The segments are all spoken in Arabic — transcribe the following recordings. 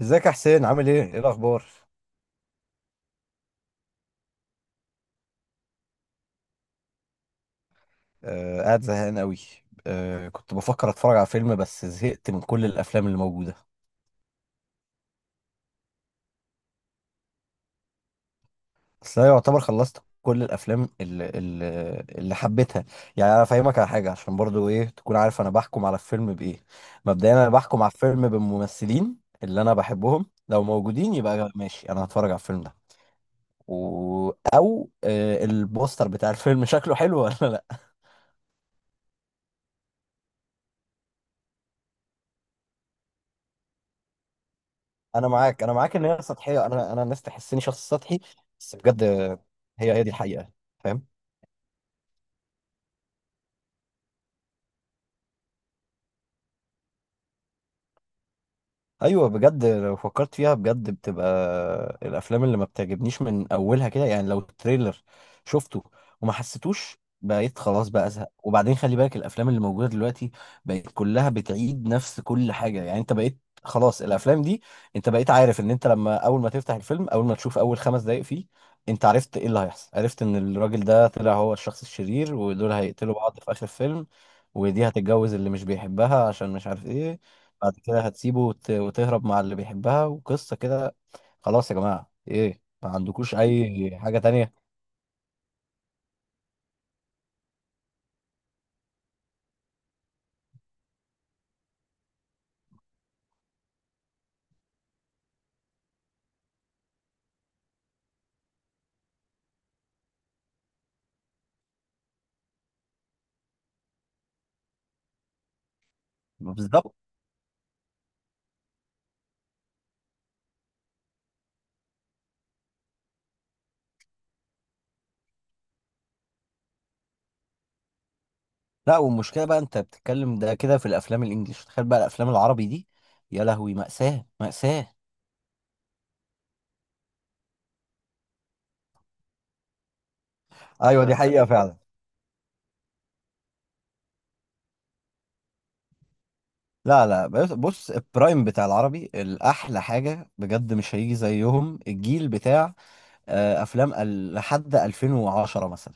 ازيك يا حسين عامل ايه؟ ايه الأخبار؟ آه قاعد زهقان قوي. آه كنت بفكر أتفرج على فيلم بس زهقت من كل الأفلام اللي موجودة. بس أنا يعتبر خلصت كل الأفلام اللي حبيتها. يعني أنا فاهمك على حاجة عشان برضو ايه تكون عارف أنا بحكم على الفيلم بإيه. مبدئيا أنا بحكم على الفيلم بالممثلين اللي أنا بحبهم لو موجودين يبقى ماشي أنا هتفرج على الفيلم ده. و... أو البوستر بتاع الفيلم شكله حلو ولا لأ. انا معاك ان هي سطحيه، انا الناس تحسني شخص سطحي بس بجد. هي هي دي الحقيقه، فاهم. ايوه بجد لو فكرت فيها بجد بتبقى الافلام اللي ما بتعجبنيش من اولها كده، يعني لو تريلر شفته وما حسيتوش بقيت خلاص بقى ازهق. وبعدين خلي بالك الافلام اللي موجوده دلوقتي بقت كلها بتعيد نفس كل حاجه. يعني انت بقيت خلاص الافلام دي، انت بقيت عارف ان انت لما اول ما تفتح الفيلم اول ما تشوف اول خمس دقايق فيه انت عرفت ايه اللي هيحصل. عرفت ان الراجل ده طلع هو الشخص الشرير ودول هيقتلوا بعض في اخر الفيلم، ودي هتتجوز اللي مش بيحبها عشان مش عارف ايه. بعد كده هتسيبه وتهرب مع اللي بيحبها وقصة كده. خلاص يا جماعة، ايه ما عندكوش اي حاجة تانية؟ بالظبط. لا والمشكلة بقى انت بتتكلم ده كده في الافلام الانجليش، تخيل بقى الافلام العربي دي. يا لهوي، مأساة مأساة. ايوه دي حقيقة فعلا. لا لا، بص البرايم بتاع العربي الاحلى حاجة بجد، مش هيجي زيهم الجيل بتاع افلام لحد 2010 مثلا.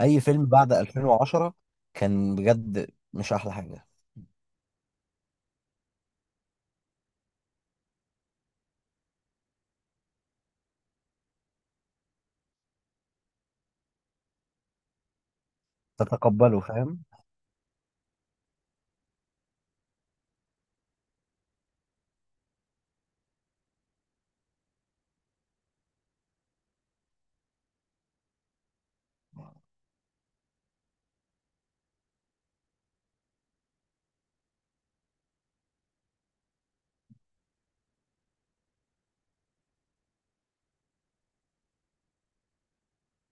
اي فيلم بعد 2010 كان بجد مش احلى حاجة. تتقبله، فاهم.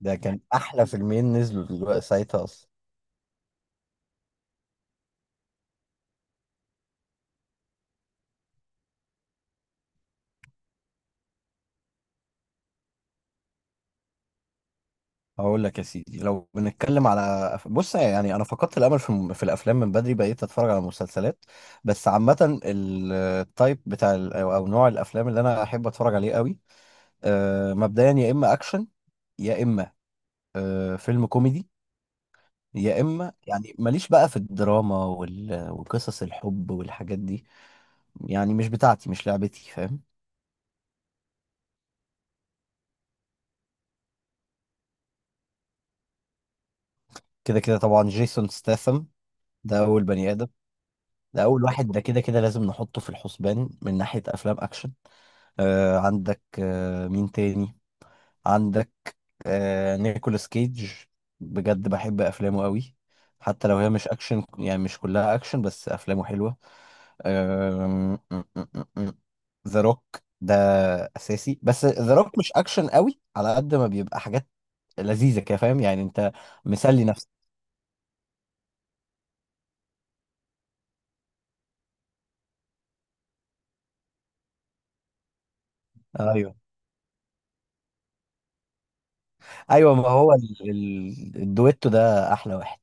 ده كان احلى فيلمين نزلوا دلوقتي ساعتها اصلا. هقول لك يا سيدي، لو بنتكلم على بص يعني انا فقدت الامل في في الافلام من بدري، بقيت اتفرج على مسلسلات. بس عامه التايب بتاع ال- او أو نوع الافلام اللي انا احب اتفرج عليه قوي مبدئيا يا اما اكشن، يا اما فيلم كوميدي، يا اما يعني ماليش بقى في الدراما وقصص الحب والحاجات دي. يعني مش بتاعتي، مش لعبتي، فاهم. كده كده طبعا جيسون ستاثم، ده اول بني ادم. ده أول واحد، ده كده كده لازم نحطه في الحسبان من ناحية أفلام أكشن. عندك مين تاني؟ عندك نيكولاس كيج، بجد بحب أفلامه قوي. حتى لو هي مش أكشن، يعني مش كلها أكشن بس أفلامه حلوة. ذا روك ده أساسي، بس ذا روك مش أكشن قوي على قد ما بيبقى حاجات لذيذة كده، فاهم يعني، أنت مسلي نفسك. أيوه. أيوه ما هو الدويتو ده أحلى واحد.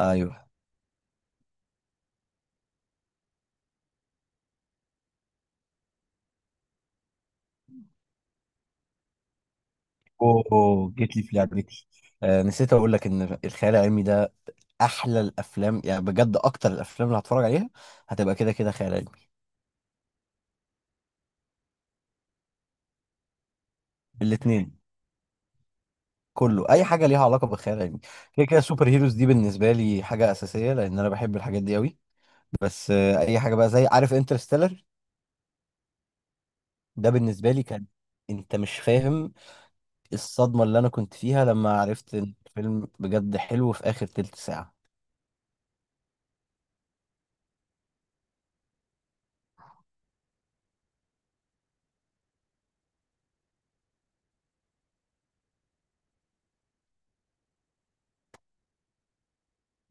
أيوه. اوه جيت لي في لعبتي. نسيت اقول لك ان الخيال العلمي ده احلى الافلام، يعني بجد اكتر الافلام اللي هتفرج عليها هتبقى كده كده خيال علمي. الاثنين. كله اي حاجه ليها علاقه بالخيال العلمي. كده كده سوبر هيروز دي بالنسبه لي حاجه اساسيه لان انا بحب الحاجات دي قوي. بس اي حاجه بقى زي عارف انترستيلر، ده بالنسبه لي كان، انت مش فاهم الصدمه اللي انا كنت فيها لما عرفت ان الفيلم بجد حلو في اخر تلت ساعه.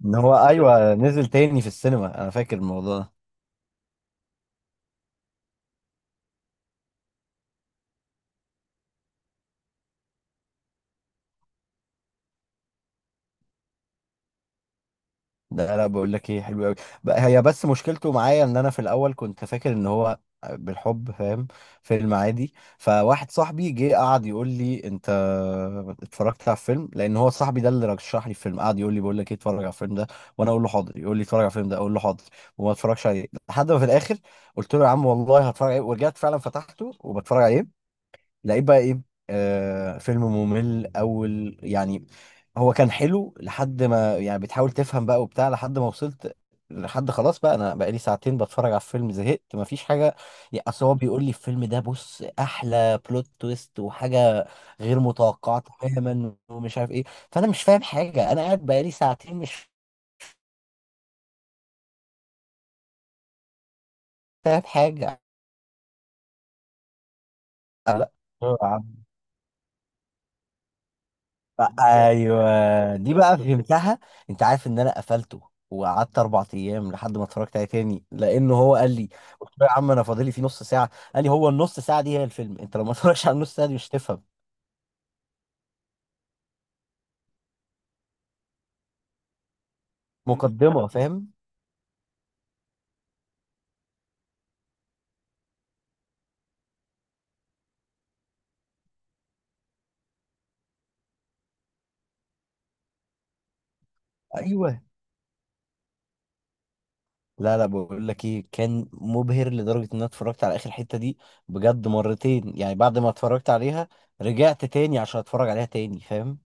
ان هو ايوه نزل تاني في السينما، انا فاكر الموضوع ده. لا لا بقول لك ايه، حلو قوي. هي بس مشكلته معايا ان انا في الاول كنت فاكر ان هو بالحب، فاهم، فيلم عادي. فواحد صاحبي جه قعد يقول لي انت اتفرجت على الفيلم، لان هو صاحبي ده اللي رشح لي الفيلم، قعد يقول لي بقول لك ايه اتفرج على الفيلم ده، وانا اقول له حاضر، يقول لي اتفرج على الفيلم ده اقول له حاضر. وما اتفرجش عليه لحد ما في الاخر قلت له يا عم والله هتفرج عليه، ورجعت فعلا فتحته وبتفرج عليه. لقيت بقى ايه، فيلم ممل اول يعني. هو كان حلو لحد ما، يعني بتحاول تفهم بقى وبتاع، لحد ما وصلت لحد خلاص بقى انا بقالي ساعتين بتفرج على الفيلم زهقت مفيش حاجه. يعني اصل هو بيقول لي الفيلم ده بص احلى بلوت تويست وحاجه غير متوقعه تماما ومش عارف ايه. فانا مش فاهم حاجه، انا قاعد بقالي ساعتين مش فاهم حاجه. لا. ايوه دي بقى فهمتها. انت عارف ان انا قفلته وقعدت اربع ايام لحد ما اتفرجت عليه تاني، لانه هو قال لي، قلت له يا عم انا فاضلي فيه نص ساعه، قال لي هو النص ساعه دي هي الفيلم، انت لو ما اتفرجتش على النص ساعه دي مش هتفهم. مقدمه، فاهم. ايوه. لا لا بقول لك ايه، كان مبهر لدرجه ان انا اتفرجت على اخر حته دي بجد مرتين، يعني بعد ما اتفرجت عليها رجعت تاني عشان اتفرج عليها تاني، فاهم.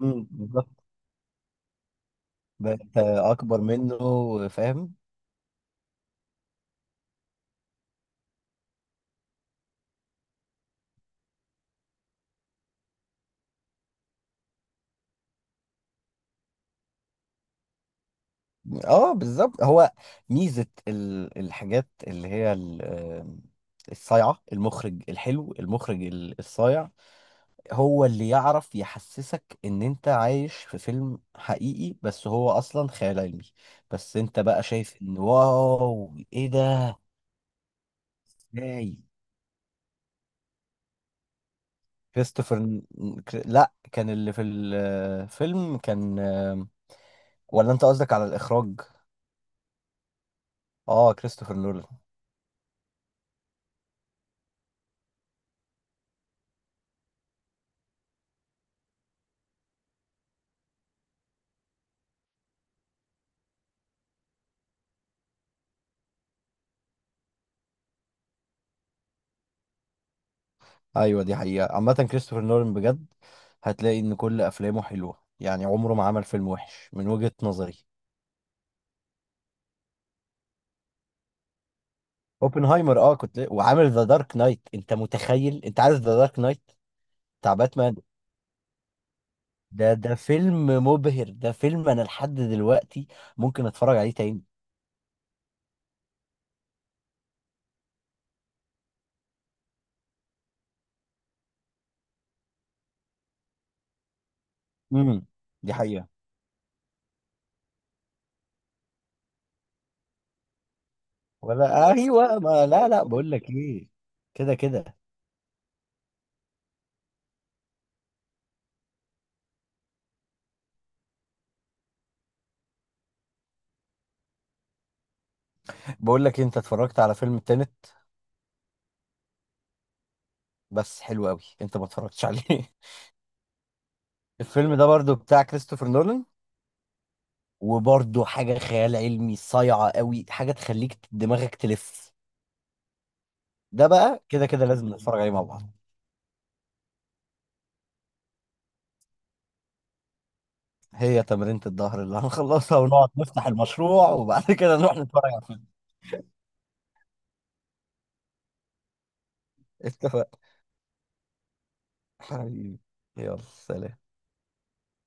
امم، بالظبط. بقيت اكبر منه، فاهم. اه بالظبط. هو ميزة الحاجات اللي هي الصايعة، المخرج الحلو، المخرج الصايع هو اللي يعرف يحسسك ان انت عايش في فيلم حقيقي بس هو اصلا خيال علمي. بس انت بقى شايف ان واو ايه ده. ازاي؟ كريستوفر لا كان اللي في الفيلم كان ولا انت قصدك على الاخراج؟ اه، كريستوفر نولان. ايوه دي حقيقة. عامة كريستوفر نولان بجد هتلاقي ان كل افلامه حلوة، يعني عمره ما عمل فيلم وحش من وجهة نظري. اوبنهايمر، اه كنت، وعامل ذا دارك نايت. انت متخيل؟ انت عارف ذا دارك نايت بتاع باتمان؟ ده فيلم مبهر، ده فيلم انا لحد دلوقتي ممكن اتفرج عليه تاني. امم. دي حقيقة. ولا ايوه ما لا لا بقول لك ايه، كده كده. بقول لك إيه، انت اتفرجت على فيلم تينت؟ بس حلو قوي انت ما اتفرجتش عليه الفيلم ده برضو بتاع كريستوفر نولان، وبرضه حاجة خيال علمي صايعة قوي، حاجة تخليك دماغك تلف. ده بقى كده كده لازم نتفرج عليه مع بعض. هي تمرينة الظهر اللي هنخلصها ونقعد نفتح المشروع وبعد كده نروح نتفرج على الفيلم. اتفق. حبيبي، يلا سلام.